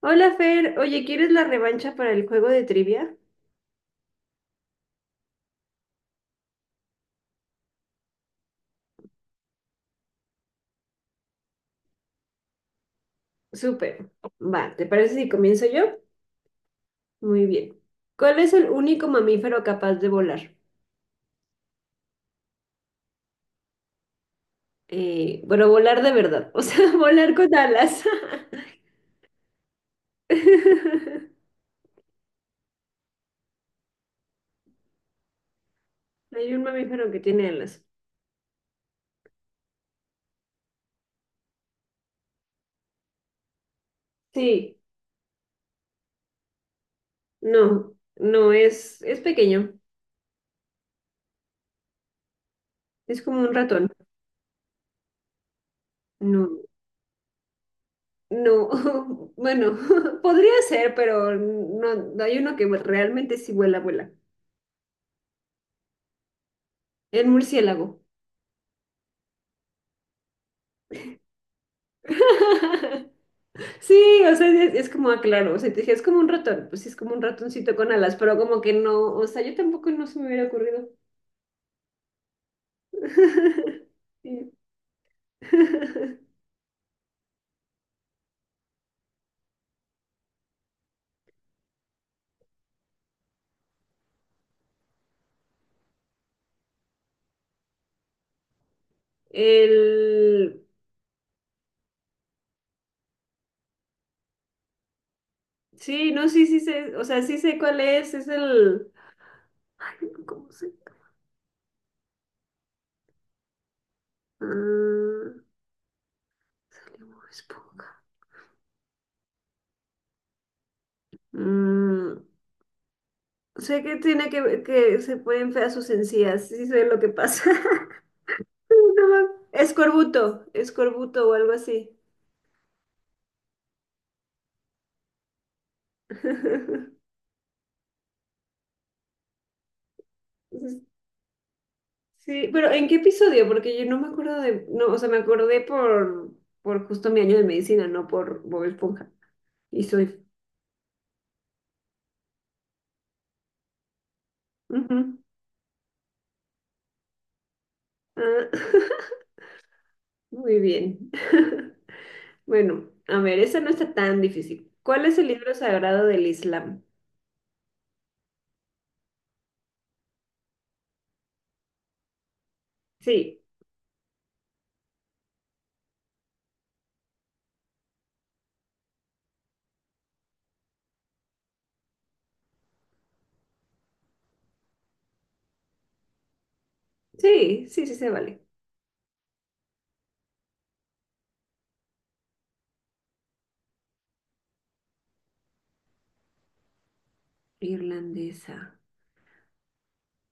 Hola Fer, oye, ¿quieres la revancha para el juego de trivia? Súper. Va, ¿te parece si comienzo yo? Muy bien. ¿Cuál es el único mamífero capaz de volar? Bueno, volar de verdad, o sea, volar con alas. Hay un mamífero que tiene alas. Sí, no, no, es pequeño, es como un ratón. No, no, bueno, podría ser, pero no, hay uno que realmente sí vuela, vuela. El murciélago. Sí, o sea, es como, ah, claro, o sea, te dije, es como un ratón, pues sí, es como un ratoncito con alas, pero como que no, o sea, yo tampoco no se me hubiera ocurrido. Sí. El, sí, no, sí, sí sé, o sea, sí sé cuál es el, ay, no, ¿cómo se? Ah, salió Bob Esponja. Mm, sé que tiene que se pueden feas sus encías, sí sí sé lo que pasa. No, escorbuto, escorbuto o algo así. Sí, pero ¿en qué episodio? Porque yo no me acuerdo de, no, o sea, me acordé por justo mi año de medicina, no por Bob Esponja. Y soy. Ujú. Ah, muy bien. Bueno, a ver, esa no está tan difícil. ¿Cuál es el libro sagrado del Islam? Sí, sí, sí, sí se vale. Irlandesa.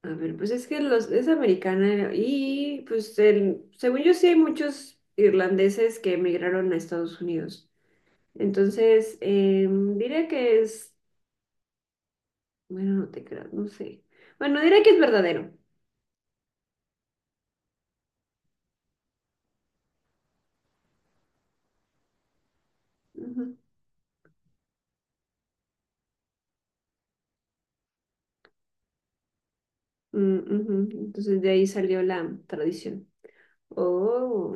A ver, pues es que los, es americana y pues el, según yo sí hay muchos irlandeses que emigraron a Estados Unidos. Entonces, diré que es, bueno, no te creas, no sé. Bueno, diré que es verdadero. Ujú. Mm, ujú. Entonces de ahí salió la tradición. Oh,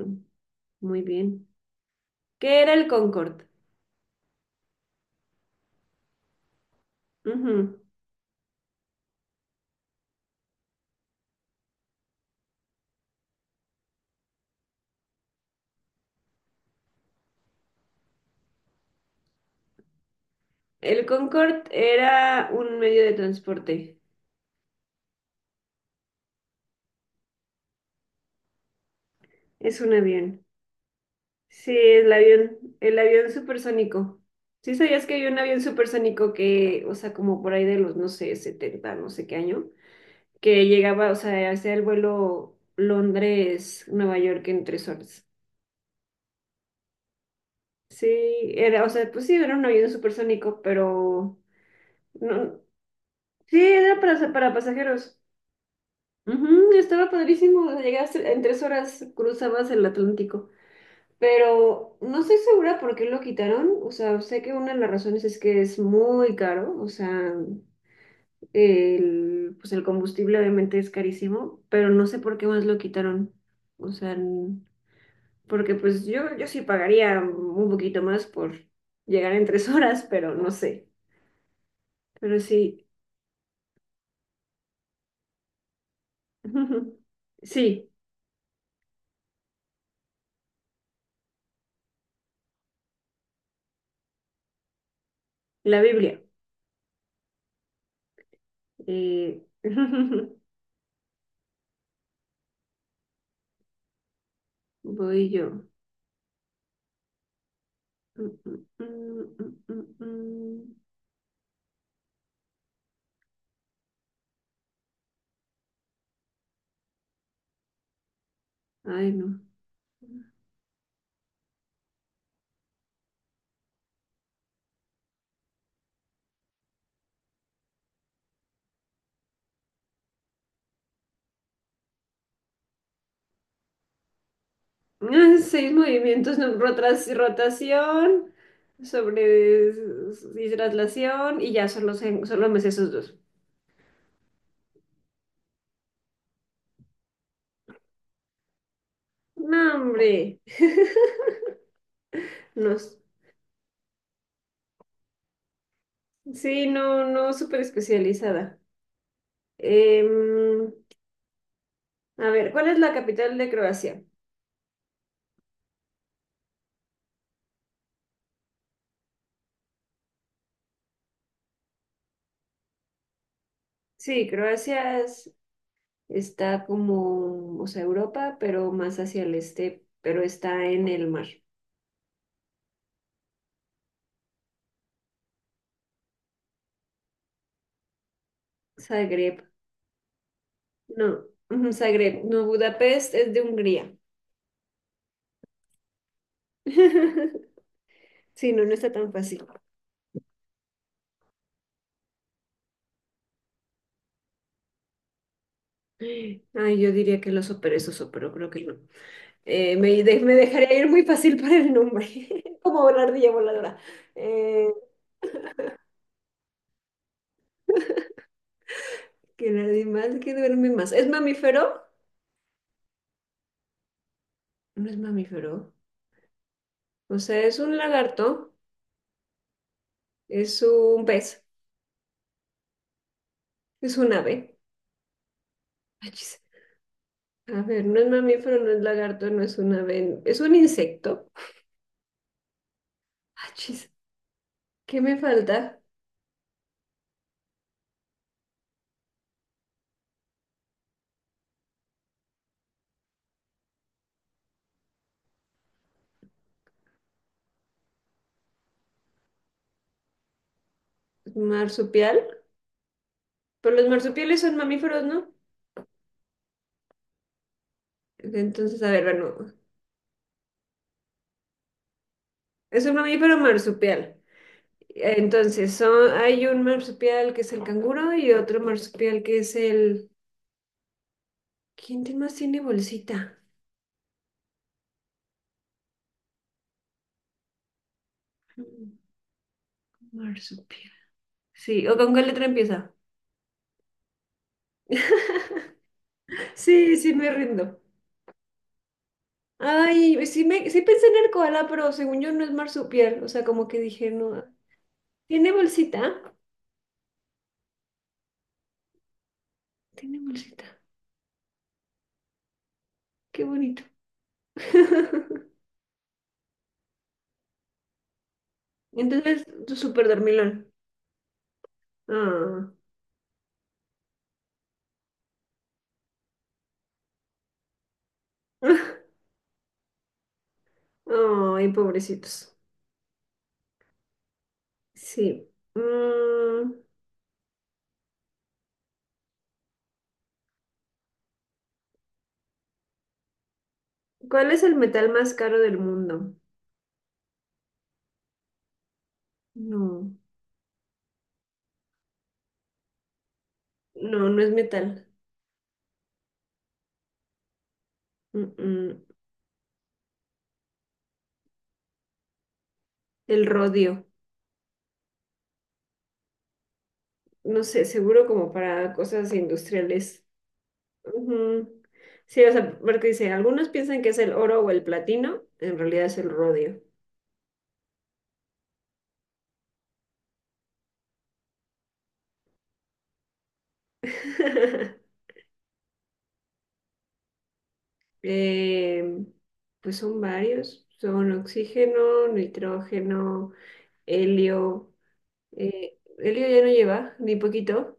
muy bien. ¿Qué era el Concorde? Ujú. El Concorde era un medio de transporte. Es un avión. Sí, el avión supersónico. ¿Sí sabías que había un avión supersónico que, o sea, como por ahí de los, no sé, 70 no sé qué año? Que llegaba, o sea, hacía el vuelo Londres-Nueva York en 3 horas. Sí, era, o sea, pues sí, era un avión supersónico, pero no, sí, era para pasajeros. Ujú, estaba padrísimo, o sea, llegaste en 3 horas, cruzabas el Atlántico, pero no estoy segura por qué lo quitaron, o sea, sé que una de las razones es que es muy caro, o sea, el, pues el combustible obviamente es carísimo, pero no sé por qué más lo quitaron, o sea, porque pues yo sí pagaría un poquito más por llegar en tres horas, pero no sé. Pero sí, sí, la Biblia. Eh, voy yo. Mm, mm, mm, mm, mm. Ay, no. Ah, seis movimientos, no, rotación, y traslación, y ya solo, solo me sé esos dos. No, hombre. No, sí, no, no, súper especializada. Em, A ver, ¿cuál es la capital de Croacia? Sí, está como, o sea, Europa, pero más hacia el este, pero está en el mar. Zagreb, no, ujú, Zagreb, no, Budapest es de Hungría. Sí, no, no está tan fácil. Ay, yo diría que lo superé, pero creo que no. Me dejaría ir muy fácil para el nombre, como la ardilla voladora. Eh, que el animal que duerme más. ¿Es mamífero? No es mamífero. O sea, es un lagarto, es un pez, es un ave. Achis. A ver, no es mamífero, no es lagarto, no es un ave, es un insecto. Achis. ¿Qué me falta? ¿Marsupial? Pero los marsupiales son mamíferos, ¿no? Entonces, a ver, bueno, es un mamífero marsupial. Entonces, son, hay un marsupial que es el canguro y otro marsupial que es el... ¿Quién más tiene bolsita? Mm, marsupial. Sí, ¿o con qué letra empieza? Sí, sí, me rindo. Ay, sí, me, sí pensé en el koala, pero según yo no es marsupial. O sea, como que dije, no. ¿Tiene bolsita? Tiene bolsita. Qué bonito. Entonces, tú súper dormilón. Ah. Ay, pobrecitos. Sí. Mm, ¿cuál es el metal más caro del mundo? No, no, no es metal. Mm, mm. El rodio. No sé, seguro como para cosas industriales. Ujú. Sí, o sea, porque dice, algunos piensan que es el oro o el platino, en realidad es el rodio. Em, pues son varios, son oxígeno, nitrógeno, helio, helio ya no lleva, ni poquito.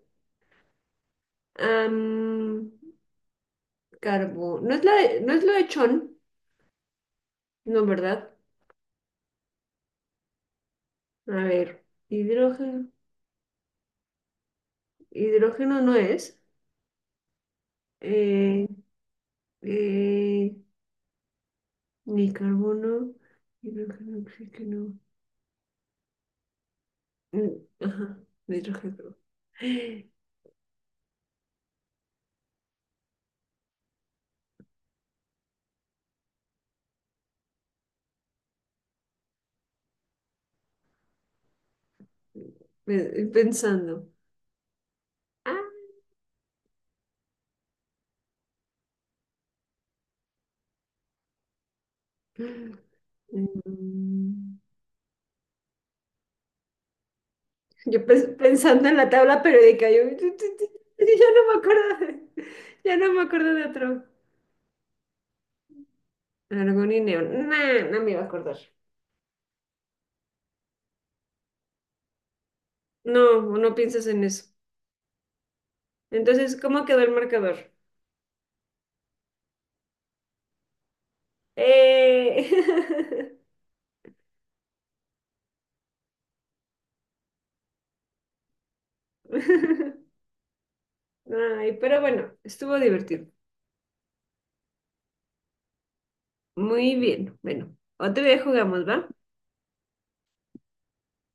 Am, no es no es lo de chon, no, ¿verdad? A ver, hidrógeno, hidrógeno no es. Eh, eh, Ni carbono, hidrógeno, oxígeno. Mm, ajá, hidrógeno. Pensando. Ah, mm, yo pensando en la tabla periódica, yo yo no me acuerdo, ya no me acuerdo de otro. Argón y neón. Nah, no me iba a acordar. No, no piensas en eso. Entonces, ¿cómo quedó el marcador? ¡Eh! Ay, pero bueno, estuvo divertido. Muy bien. Bueno, otro día jugamos, ¿va?